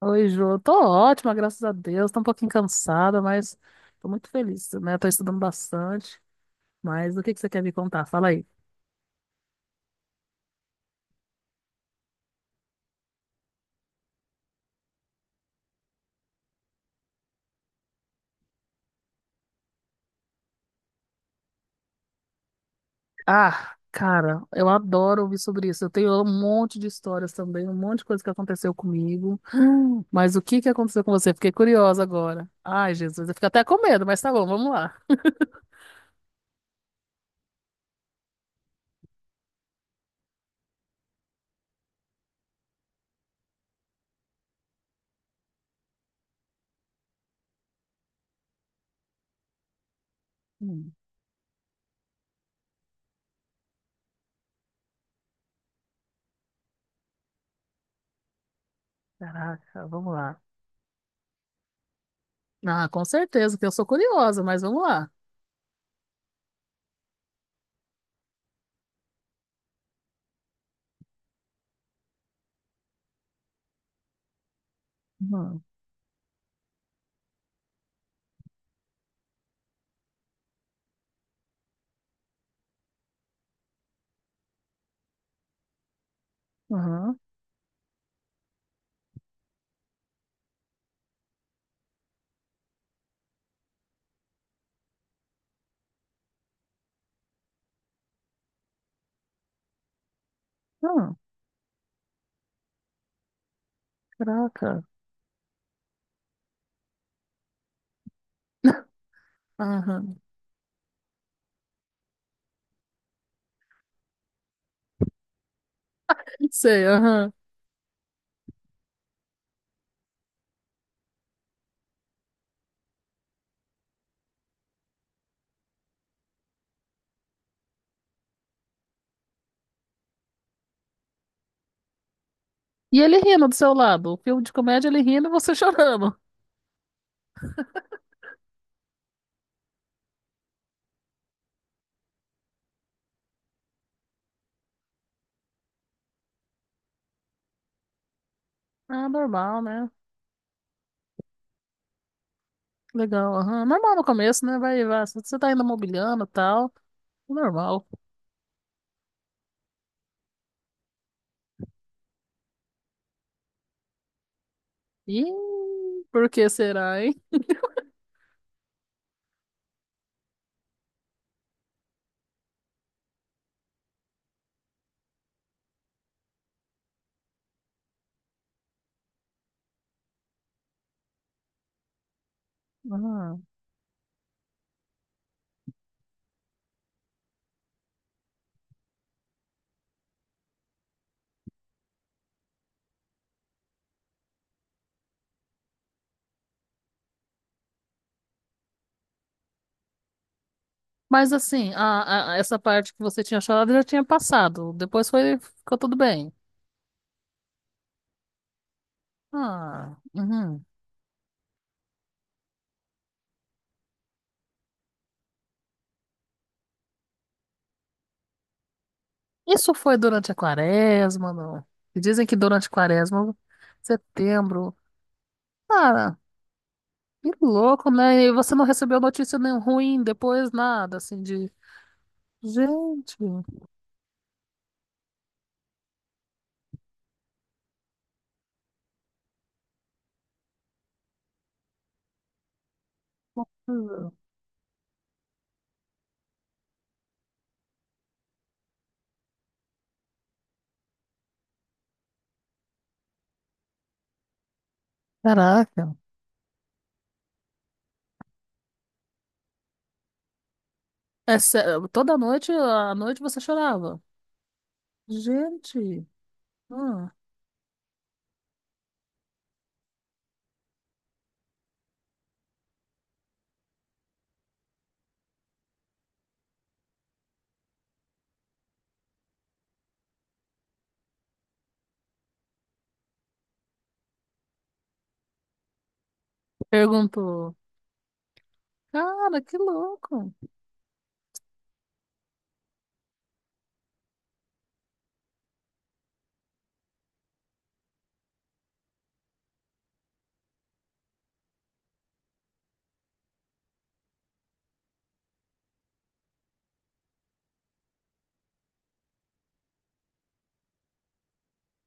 Oi, Ju. Tô ótima, graças a Deus. Tô um pouquinho cansada, mas tô muito feliz, né? Tô estudando bastante. Mas o que que você quer me contar? Fala aí. Ah, cara, eu adoro ouvir sobre isso. Eu tenho um monte de histórias também, um monte de coisa que aconteceu comigo. Mas o que que aconteceu com você? Fiquei curiosa agora. Ai, Jesus, eu fico até com medo, mas tá bom, vamos lá. Hum, caraca, vamos lá. Ah, com certeza, que eu sou curiosa, mas vamos lá. Uhum. Uhum. Uhum, caraca. Aham, sei, aham. E ele rindo do seu lado. O filme de comédia, ele rindo e você chorando. Ah, normal, né? Legal, aham. Normal no começo, né? Vai, vai. Você tá ainda mobiliando e tal. Normal. E por que será, hein? Ah. Mas assim, essa parte que você tinha chorado já tinha passado. Depois foi, ficou tudo bem. Ah, uhum. Isso foi durante a quaresma, não? E dizem que durante a quaresma, setembro. Ah. Que louco, né? E você não recebeu notícia nem ruim depois, nada, assim, de... Gente, coisa. Caraca. É sé- Toda noite, à noite você chorava. Gente, hum. Perguntou. Cara, que louco.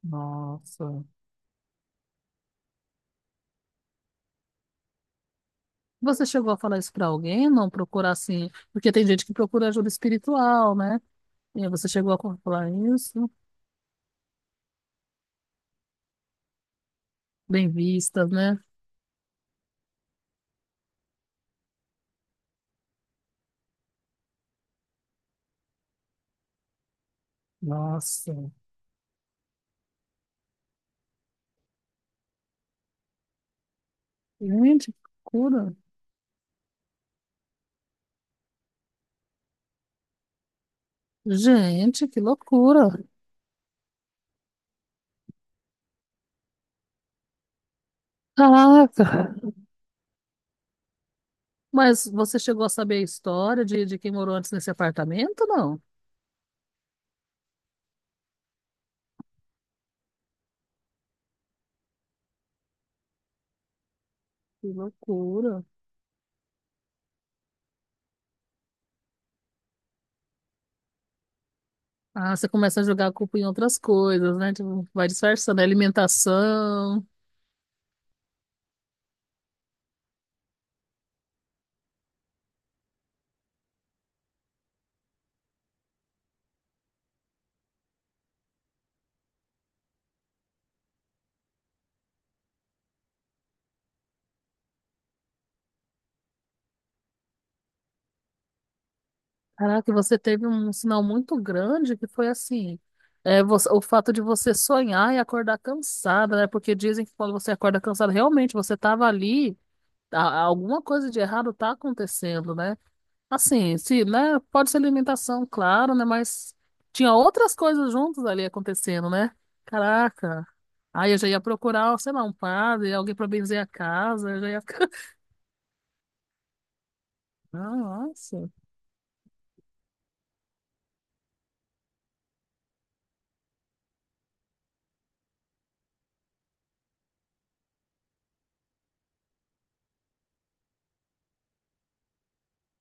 Nossa. Você chegou a falar isso pra alguém? Não procurar assim? Porque tem gente que procura ajuda espiritual, né? E aí você chegou a falar isso? Bem vistas, né? Nossa. Gente, que loucura. Gente, que loucura. Caraca! Mas você chegou a saber a história de, quem morou antes nesse apartamento? Não. Que loucura. Ah, você começa a jogar a culpa em outras coisas, né? Tipo, vai disfarçando, a alimentação. Caraca, e você teve um sinal muito grande que foi assim. É, o fato de você sonhar e acordar cansada, né? Porque dizem que quando você acorda cansada, realmente você estava ali, alguma coisa de errado tá acontecendo, né? Assim, se, né? Pode ser alimentação, claro, né? Mas tinha outras coisas juntas ali acontecendo, né? Caraca. Aí eu já ia procurar, sei lá, um padre, alguém pra benzer a casa, eu já ia ficar. Nossa,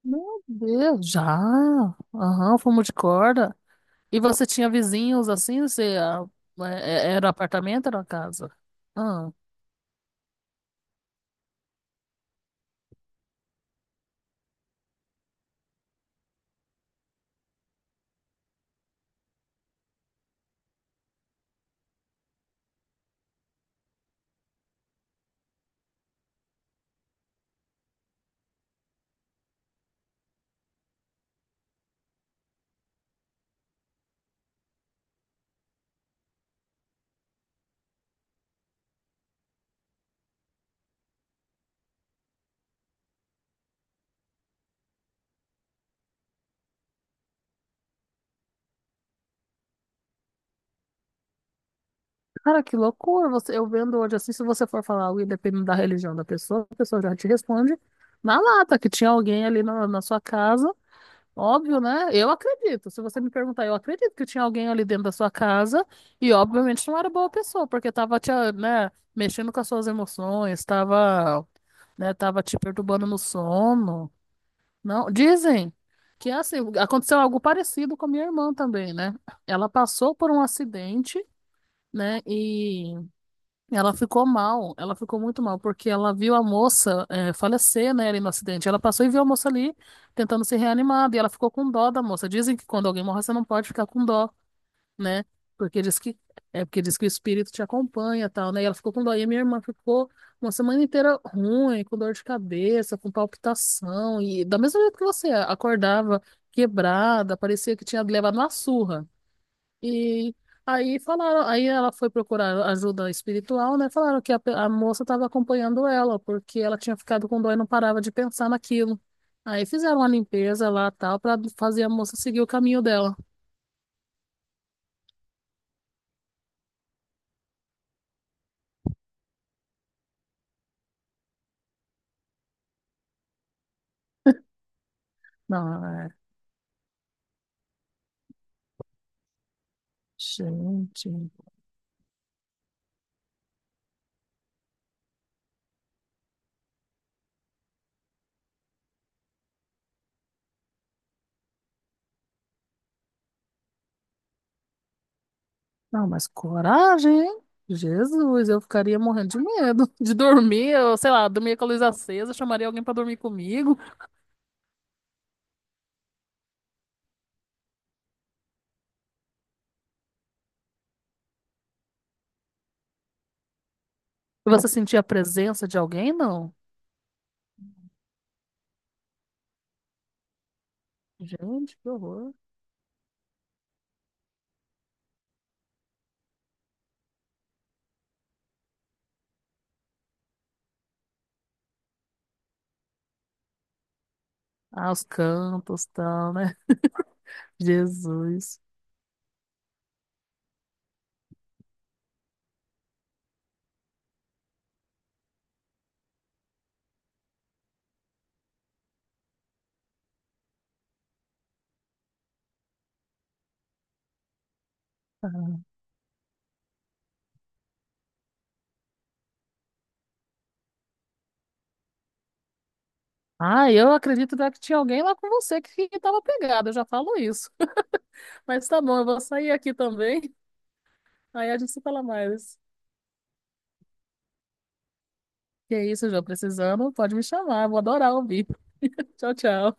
meu Deus, já. Aham, fumo de corda. E você tinha vizinhos assim? Você ah, era apartamento, era casa? Cara, que loucura! Você, eu vendo hoje assim, se você for falar algo e dependendo da religião da pessoa, a pessoa já te responde na lata que tinha alguém ali na, na sua casa. Óbvio, né? Eu acredito. Se você me perguntar, eu acredito que tinha alguém ali dentro da sua casa e, obviamente, não era boa pessoa, porque tava te, ah, né, mexendo com as suas emoções, tava, né, tava te perturbando no sono. Não, dizem que assim, aconteceu algo parecido com a minha irmã também, né? Ela passou por um acidente, né? E ela ficou mal, ela ficou muito mal, porque ela viu a moça falecer, né, ali no acidente. Ela passou e viu a moça ali tentando ser reanimada, e ela ficou com dó da moça. Dizem que quando alguém morre, você não pode ficar com dó, né? Porque diz que é porque diz que o espírito te acompanha e tal, né? E ela ficou com dó. E a minha irmã ficou uma semana inteira ruim, com dor de cabeça, com palpitação, e da mesma jeito que você acordava quebrada, parecia que tinha levado uma surra. E aí falaram, aí ela foi procurar ajuda espiritual, né? Falaram que a moça estava acompanhando ela, porque ela tinha ficado com dor e não parava de pensar naquilo. Aí fizeram uma limpeza lá, tal, para fazer a moça seguir o caminho dela. Não, é, gente. Não, mas coragem, hein? Jesus, eu ficaria morrendo de medo de dormir, eu, sei lá, dormir com a luz acesa, chamaria alguém para dormir comigo. E você sentia a presença de alguém? Não. Gente, que horror. Ah, os cantos, tal, né? Jesus. Ah, eu acredito né, que tinha alguém lá com você que tava pegado, eu já falo isso. Mas tá bom, eu vou sair aqui também. Aí a gente se fala mais. Que é isso, João, precisando, pode me chamar, vou adorar ouvir. Tchau, tchau.